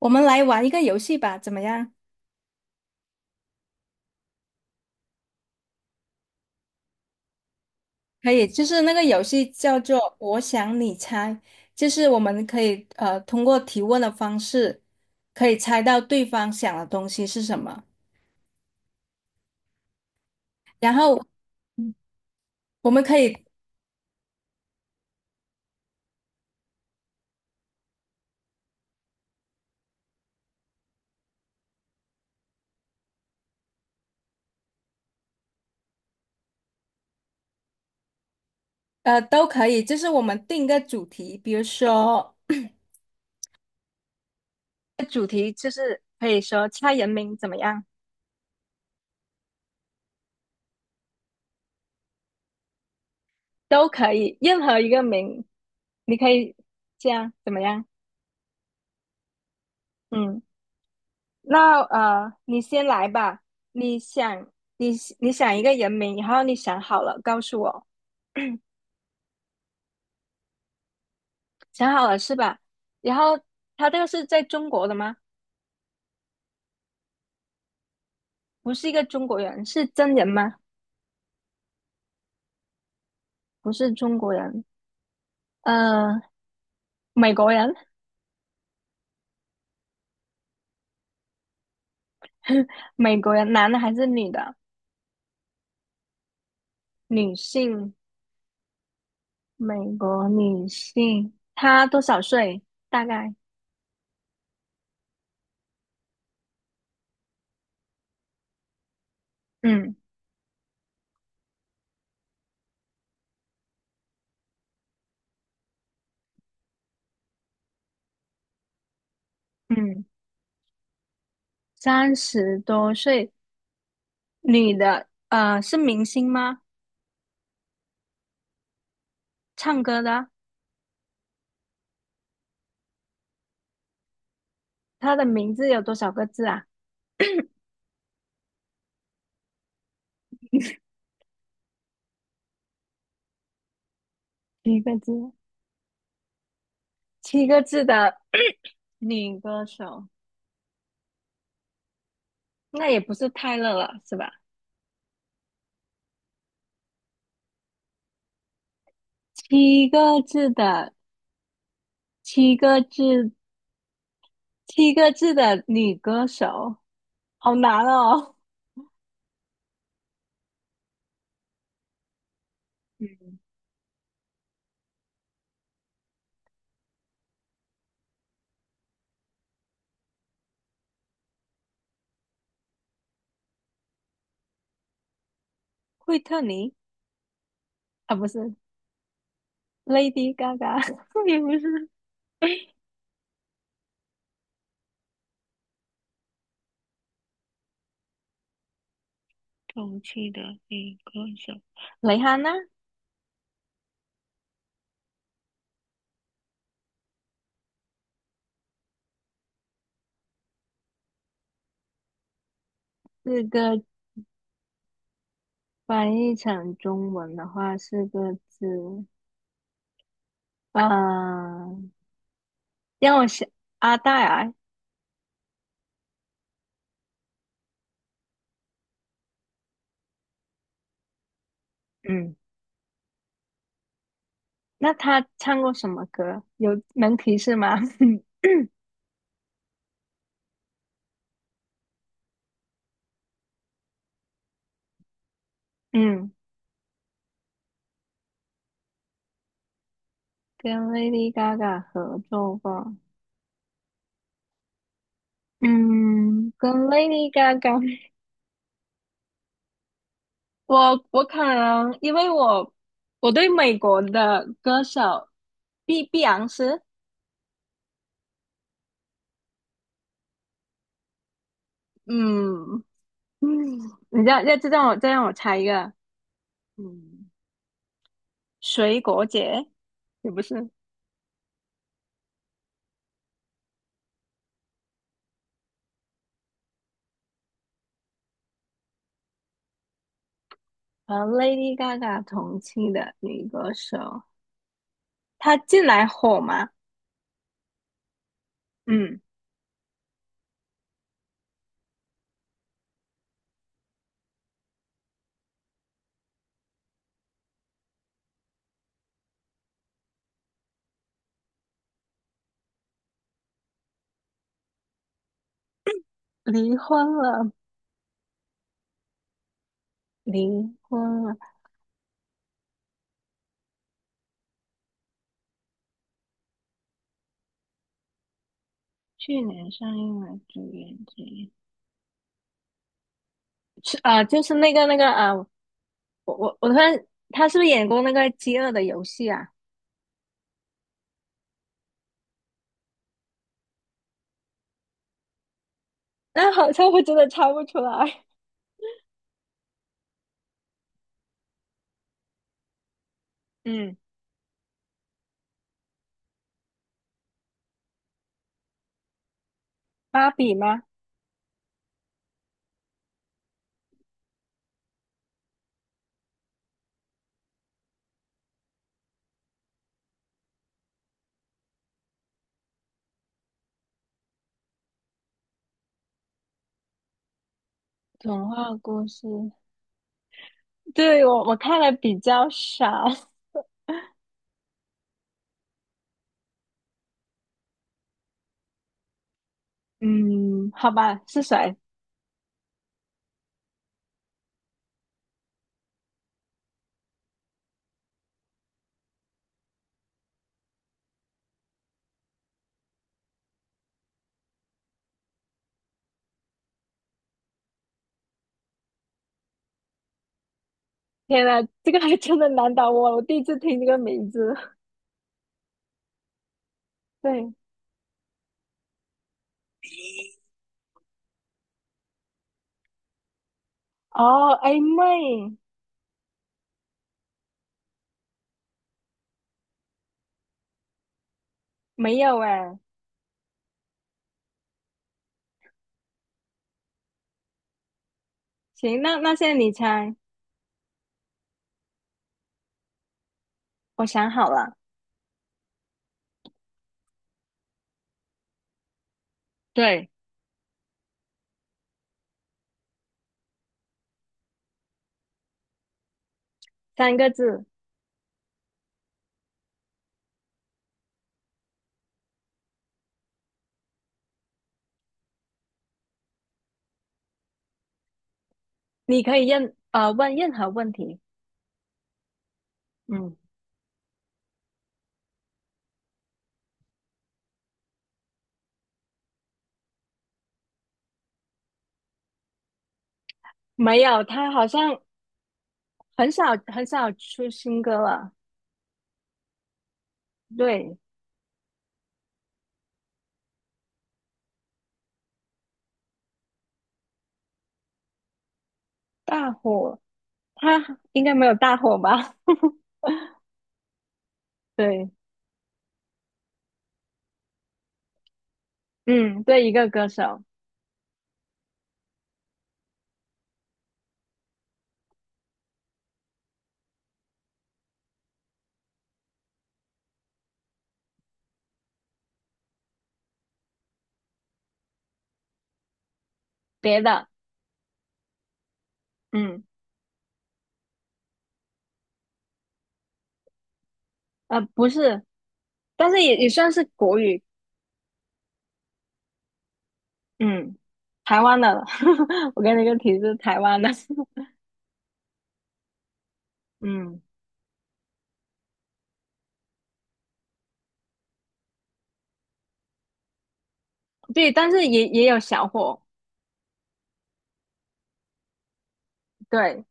我们来玩一个游戏吧，怎么样？可以，就是那个游戏叫做"我想你猜"，就是我们可以通过提问的方式，可以猜到对方想的东西是什么。然后我们可以都可以，就是我们定一个主题，比如说 可以说猜人名怎么样，都可以，任何一个名，你可以这样怎么样？嗯。那你先来吧。你想，你你想一个人名，然后你想好了告诉我，想好了是吧？然后他这个是在中国的吗？不是一个中国人，是真人吗？不是中国人，呃，美国人，美国人，男的还是女的？女性，美国女性，她多少岁？大概，嗯嗯，30多岁，女的，是明星吗？唱歌的？她的名字有多少个字啊？七个字，七个字的女歌手，那也不是泰勒了，是吧？七个字的，七个字，七个字的女歌手，好难哦。嗯，惠特尼啊，不是 Lady Gaga，也不是同期的女歌手，蕾哈娜，四个翻译成中文的话，4个字，啊，让我想，阿黛尔，嗯。那他唱过什么歌？有能提示吗？嗯，跟 Lady Gaga 合作过。嗯，跟 Lady Gaga，我可能，因为我对美国的歌手，碧碧昂斯，嗯嗯，你要再让我猜一个，嗯，水果姐也不是，和 Lady Gaga 同期的女歌手，她近来火吗？嗯，离婚了，离婚了。去年上映了《主演之一，是啊、就是那个啊、我突然，他是不是演过那个《饥饿的游戏》啊？那好像我真的猜不出来。嗯，芭比吗？童话故事，对，我看的比较少。嗯，好吧，是谁？天呐，这个还真的难倒我，我第一次听这个名字。对，哦，A 妹没有哎。行，那现在你猜，我想好了。对，3个字，你可以问任何问题。嗯，没有，他好像很少很少出新歌了。对，大火，他应该没有大火吧？对，嗯，对，一个歌手，别的，嗯，不是，但是也算是国语，嗯，台湾的了 我给你一个提示，台湾的，嗯，对，但是也有小火，对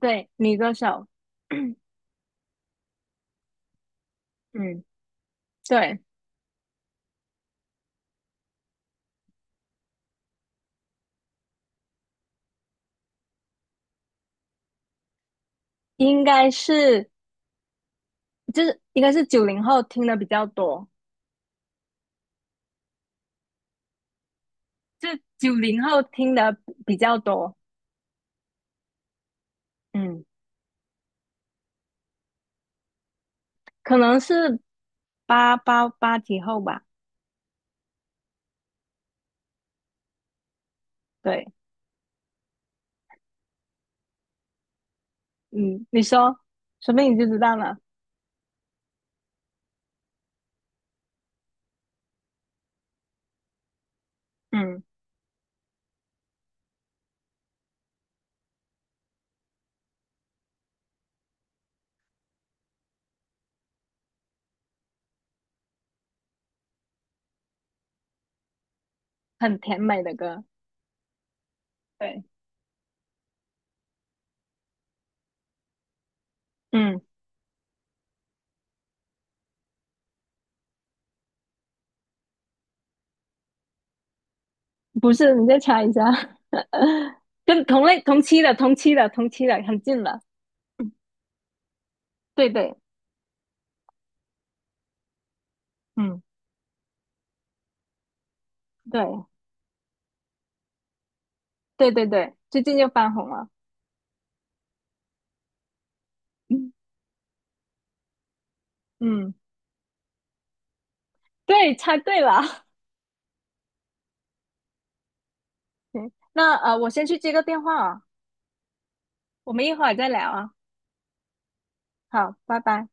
对，女歌手，嗯，对。应该是应该是九零后听的比较多，就九零后听的比较多，嗯，可能是八几后吧，对，嗯，你说，说不定你就知道了，嗯，很甜美的歌，对，嗯，不是，你再猜一下，跟同类同期的同期的同期的很近了，对对，嗯，对对对对，最近又翻红了，嗯嗯，对，猜对了。行，那我先去接个电话啊，我们一会儿再聊啊。好，拜拜。